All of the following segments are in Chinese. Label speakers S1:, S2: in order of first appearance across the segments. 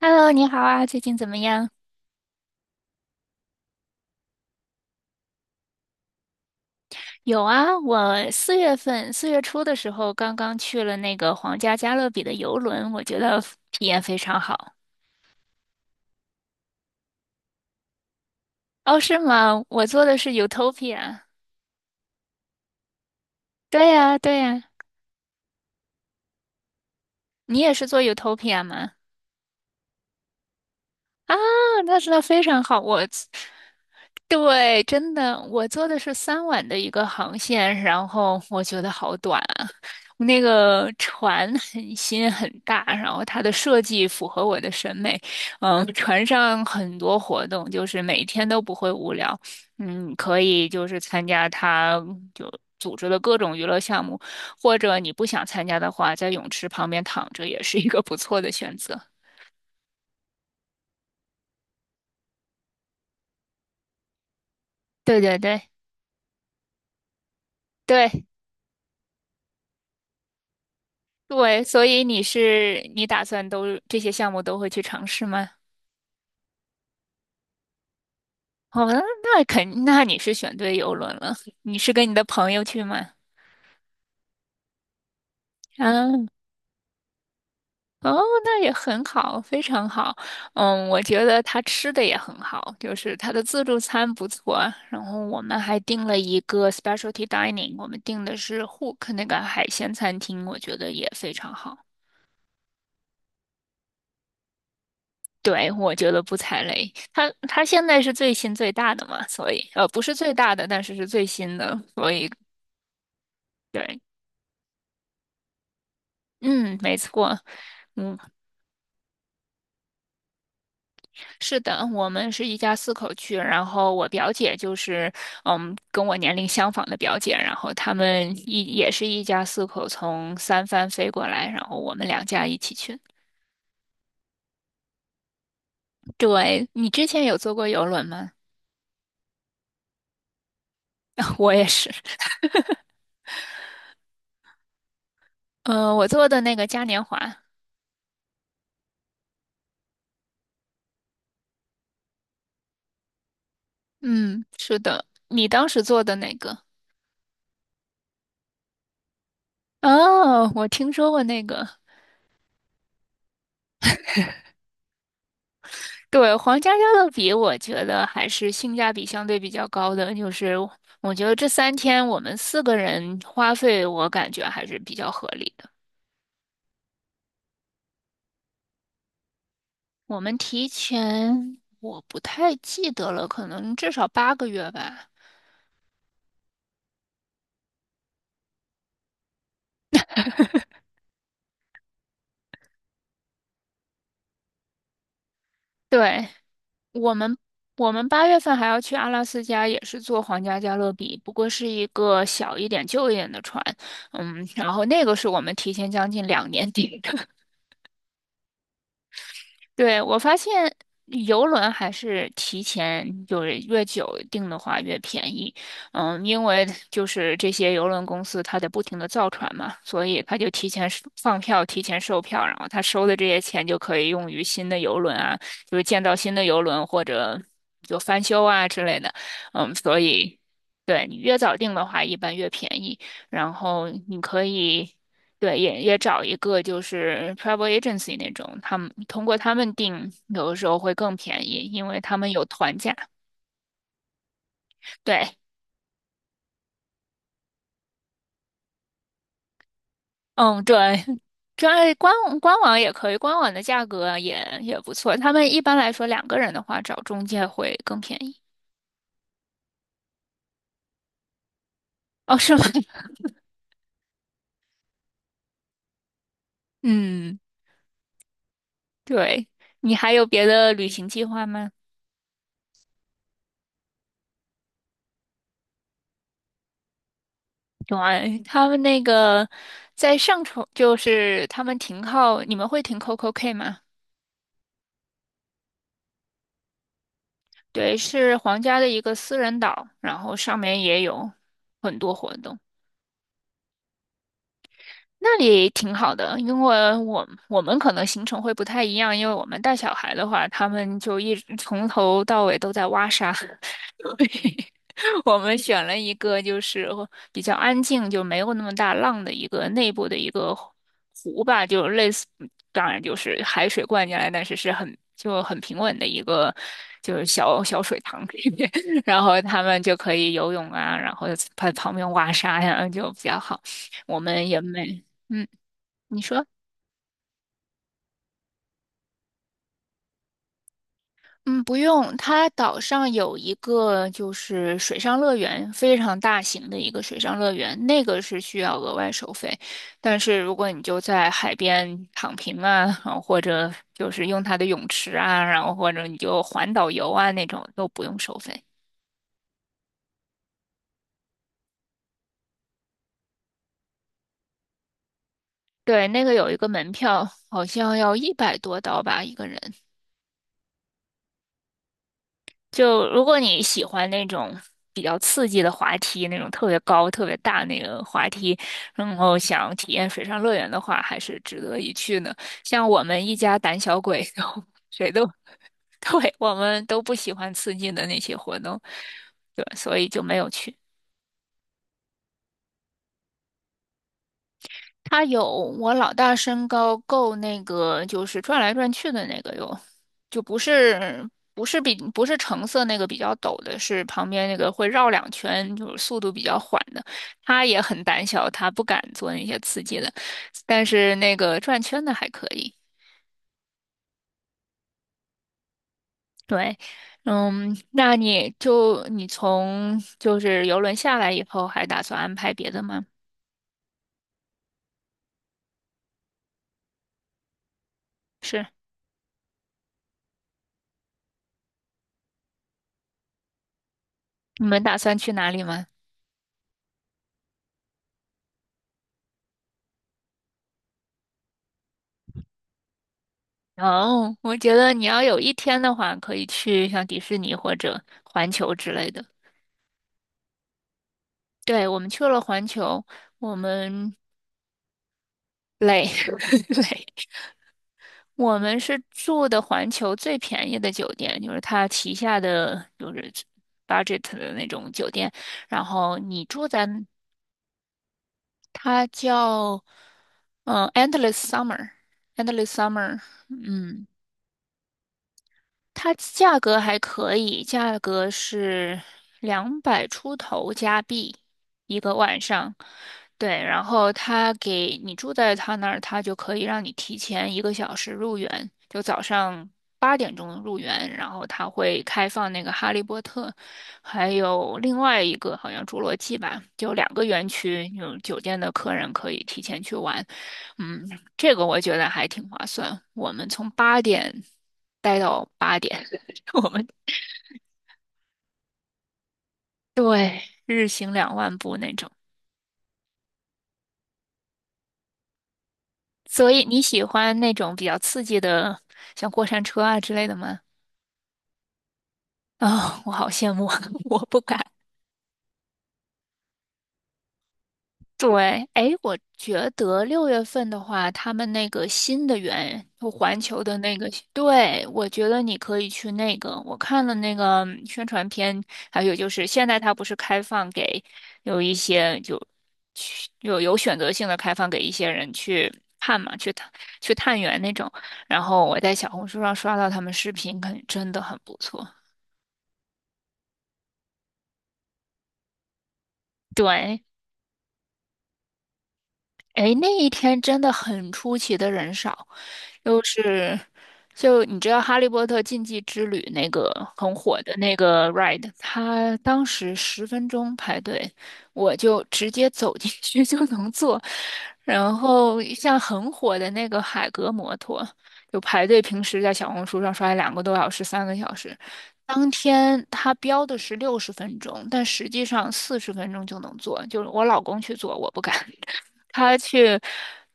S1: Hello，你好啊，最近怎么样？有啊，我四月份4月初的时候刚刚去了那个皇家加勒比的游轮，我觉得体验非常好。哦，是吗？我坐的是 Utopia。对呀，对呀，你也是坐 Utopia 吗？啊，那真的非常好，我。对，真的，我坐的是3晚的一个航线，然后我觉得好短啊。那个船很新很大，然后它的设计符合我的审美。船上很多活动，就是每天都不会无聊。可以就是参加它就组织的各种娱乐项目，或者你不想参加的话，在泳池旁边躺着也是一个不错的选择。对对对对。对，所以你打算这些项目都会去尝试吗？哦，那你是选对游轮了。你是跟你的朋友去吗？嗯，哦，那也很好，非常好。我觉得他吃的也很好，就是他的自助餐不错啊。然后我们还订了一个 specialty dining，我们订的是 Hook 那个海鲜餐厅，我觉得也非常好。对，我觉得不踩雷。它现在是最新最大的嘛，所以不是最大的，但是是最新的，所以对，嗯，没错，嗯，是的，我们是一家四口去，然后我表姐就是跟我年龄相仿的表姐，然后他们也是一家四口从三藩飞过来，然后我们两家一起去。对，你之前有坐过游轮吗？我也是，嗯，我坐的那个嘉年华，嗯，是的，你当时坐的哪个？哦，我听说过那个，对，皇家加勒比，我觉得还是性价比相对比较高的。就是我觉得这3天我们4个人花费，我感觉还是比较合理的。我们提前，我不太记得了，可能至少8个月吧。对，我们，我们八月份还要去阿拉斯加，也是坐皇家加勒比，不过是一个小一点、旧一点的船。然后那个是我们提前将近2年 订的。对，我发现游轮还是提前就是越久订的话越便宜，因为就是这些游轮公司它得不停的造船嘛，所以它就提前收放票、提前售票，然后他收的这些钱就可以用于新的游轮啊，就是建造新的游轮或者就翻修啊之类的，所以对你越早订的话一般越便宜，然后你可以。对，也找一个就是 travel agency 那种，他们通过他们订，有的时候会更便宜，因为他们有团价。对，嗯，对，这官官网也可以，官网的价格也不错。他们一般来说2个人的话，找中介会更便宜。哦，是吗？嗯，对。你还有别的旅行计划吗？有啊，他们那个在上冲，就是他们停靠，你们会停 CocoK 吗？对，是皇家的一个私人岛，然后上面也有很多活动。那里挺好的，因为我们可能行程会不太一样，因为我们带小孩的话，他们就一直从头到尾都在挖沙，所以我们选了一个就是比较安静，就没有那么大浪的一个内部的一个湖吧，就类似，当然就是海水灌进来，但是是很平稳的一个就是小小水塘里面，然后他们就可以游泳啊，然后在旁边挖沙呀，就比较好。我们也没。嗯，你说，嗯，不用，它岛上有一个就是水上乐园，非常大型的一个水上乐园，那个是需要额外收费。但是如果你就在海边躺平啊，然后或者就是用它的泳池啊，然后或者你就环岛游啊那种，都不用收费。对，那个有一个门票，好像要100多刀吧，1个人。就如果你喜欢那种比较刺激的滑梯，那种特别高、特别大那个滑梯，然后想体验水上乐园的话，还是值得一去呢。像我们一家胆小鬼都，谁都，对，我们都不喜欢刺激的那些活动，对，所以就没有去。他有我老大身高够那个，就是转来转去的那个有，就不是橙色那个比较陡的，是旁边那个会绕2圈，就是速度比较缓的。他也很胆小，他不敢做那些刺激的，但是那个转圈的还可以。对，嗯，那你从就是游轮下来以后，还打算安排别的吗？是，你们打算去哪里吗？哦，我觉得你要有一天的话，可以去像迪士尼或者环球之类的。对，我们去了环球，我们累 累，我们是住的环球最便宜的酒店，就是它旗下的就是 budget 的那种酒店。然后你住在它叫Endless Summer，Endless Summer，嗯，它价格还可以，价格是200出头加币一个晚上。对，然后他给你住在他那儿，他就可以让你提前1个小时入园，就早上8点钟入园，然后他会开放那个《哈利波特》，还有另外一个好像《侏罗纪》吧，就两个园区，有酒店的客人可以提前去玩。嗯，这个我觉得还挺划算。我们从8点待到8点，我们对日行20000步那种。所以你喜欢那种比较刺激的，像过山车啊之类的吗？啊、我好羡慕，我不敢。对，哎，我觉得6月份的话，他们那个新的园，就环球的那个，对，我觉得你可以去那个。我看了那个宣传片，还有就是现在它不是开放给有一些就去有选择性的开放给一些人去看嘛，去探园那种。然后我在小红书上刷到他们视频，感觉真的很不错。对。诶，那一天真的很出奇的人少，就是，就你知道《哈利波特禁忌之旅》那个很火的那个 ride，它当时十分钟排队，我就直接走进去 就能坐。然后像很火的那个海格摩托，就排队平时在小红书上刷2个多小时、3个小时，当天他标的是60分钟，但实际上40分钟就能坐，就是我老公去做，我不敢。他去，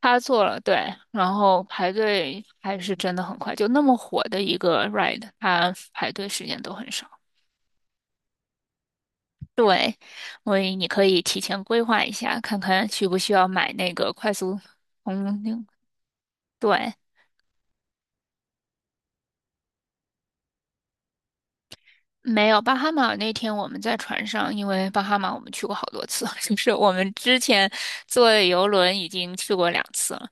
S1: 他做了，对，然后排队还是真的很快，就那么火的一个 ride，他排队时间都很少。对，所以你可以提前规划一下，看看需不需要买那个快速通灵。对，没有巴哈马那天我们在船上，因为巴哈马我们去过好多次，就是我们之前坐游轮已经去过2次了，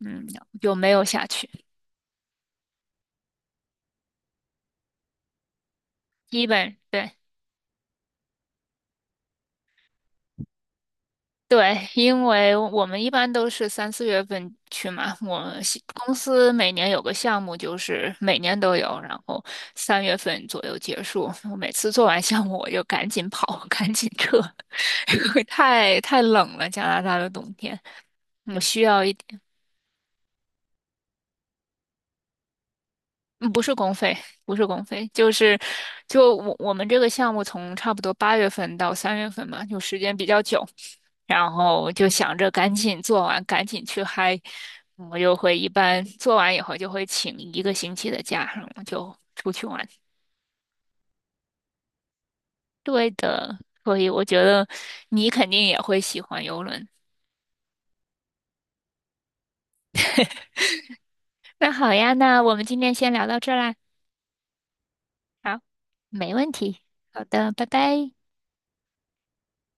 S1: 嗯，就没有下去，基本对。对，因为我们一般都是3、4月份去嘛。我西公司每年有个项目，就是每年都有，然后三月份左右结束。我每次做完项目，我就赶紧跑，赶紧撤，因为太冷了，加拿大的冬天，我需要一点。嗯，不是公费，不是公费，就是我们这个项目从差不多八月份到三月份嘛，就时间比较久，然后就想着赶紧做完，赶紧去嗨，我就会一般做完以后就会请1个星期的假，然后就出去玩。对的，所以我觉得你肯定也会喜欢游轮。那好呀，那我们今天先聊到这儿啦。好，没问题。好的，拜拜。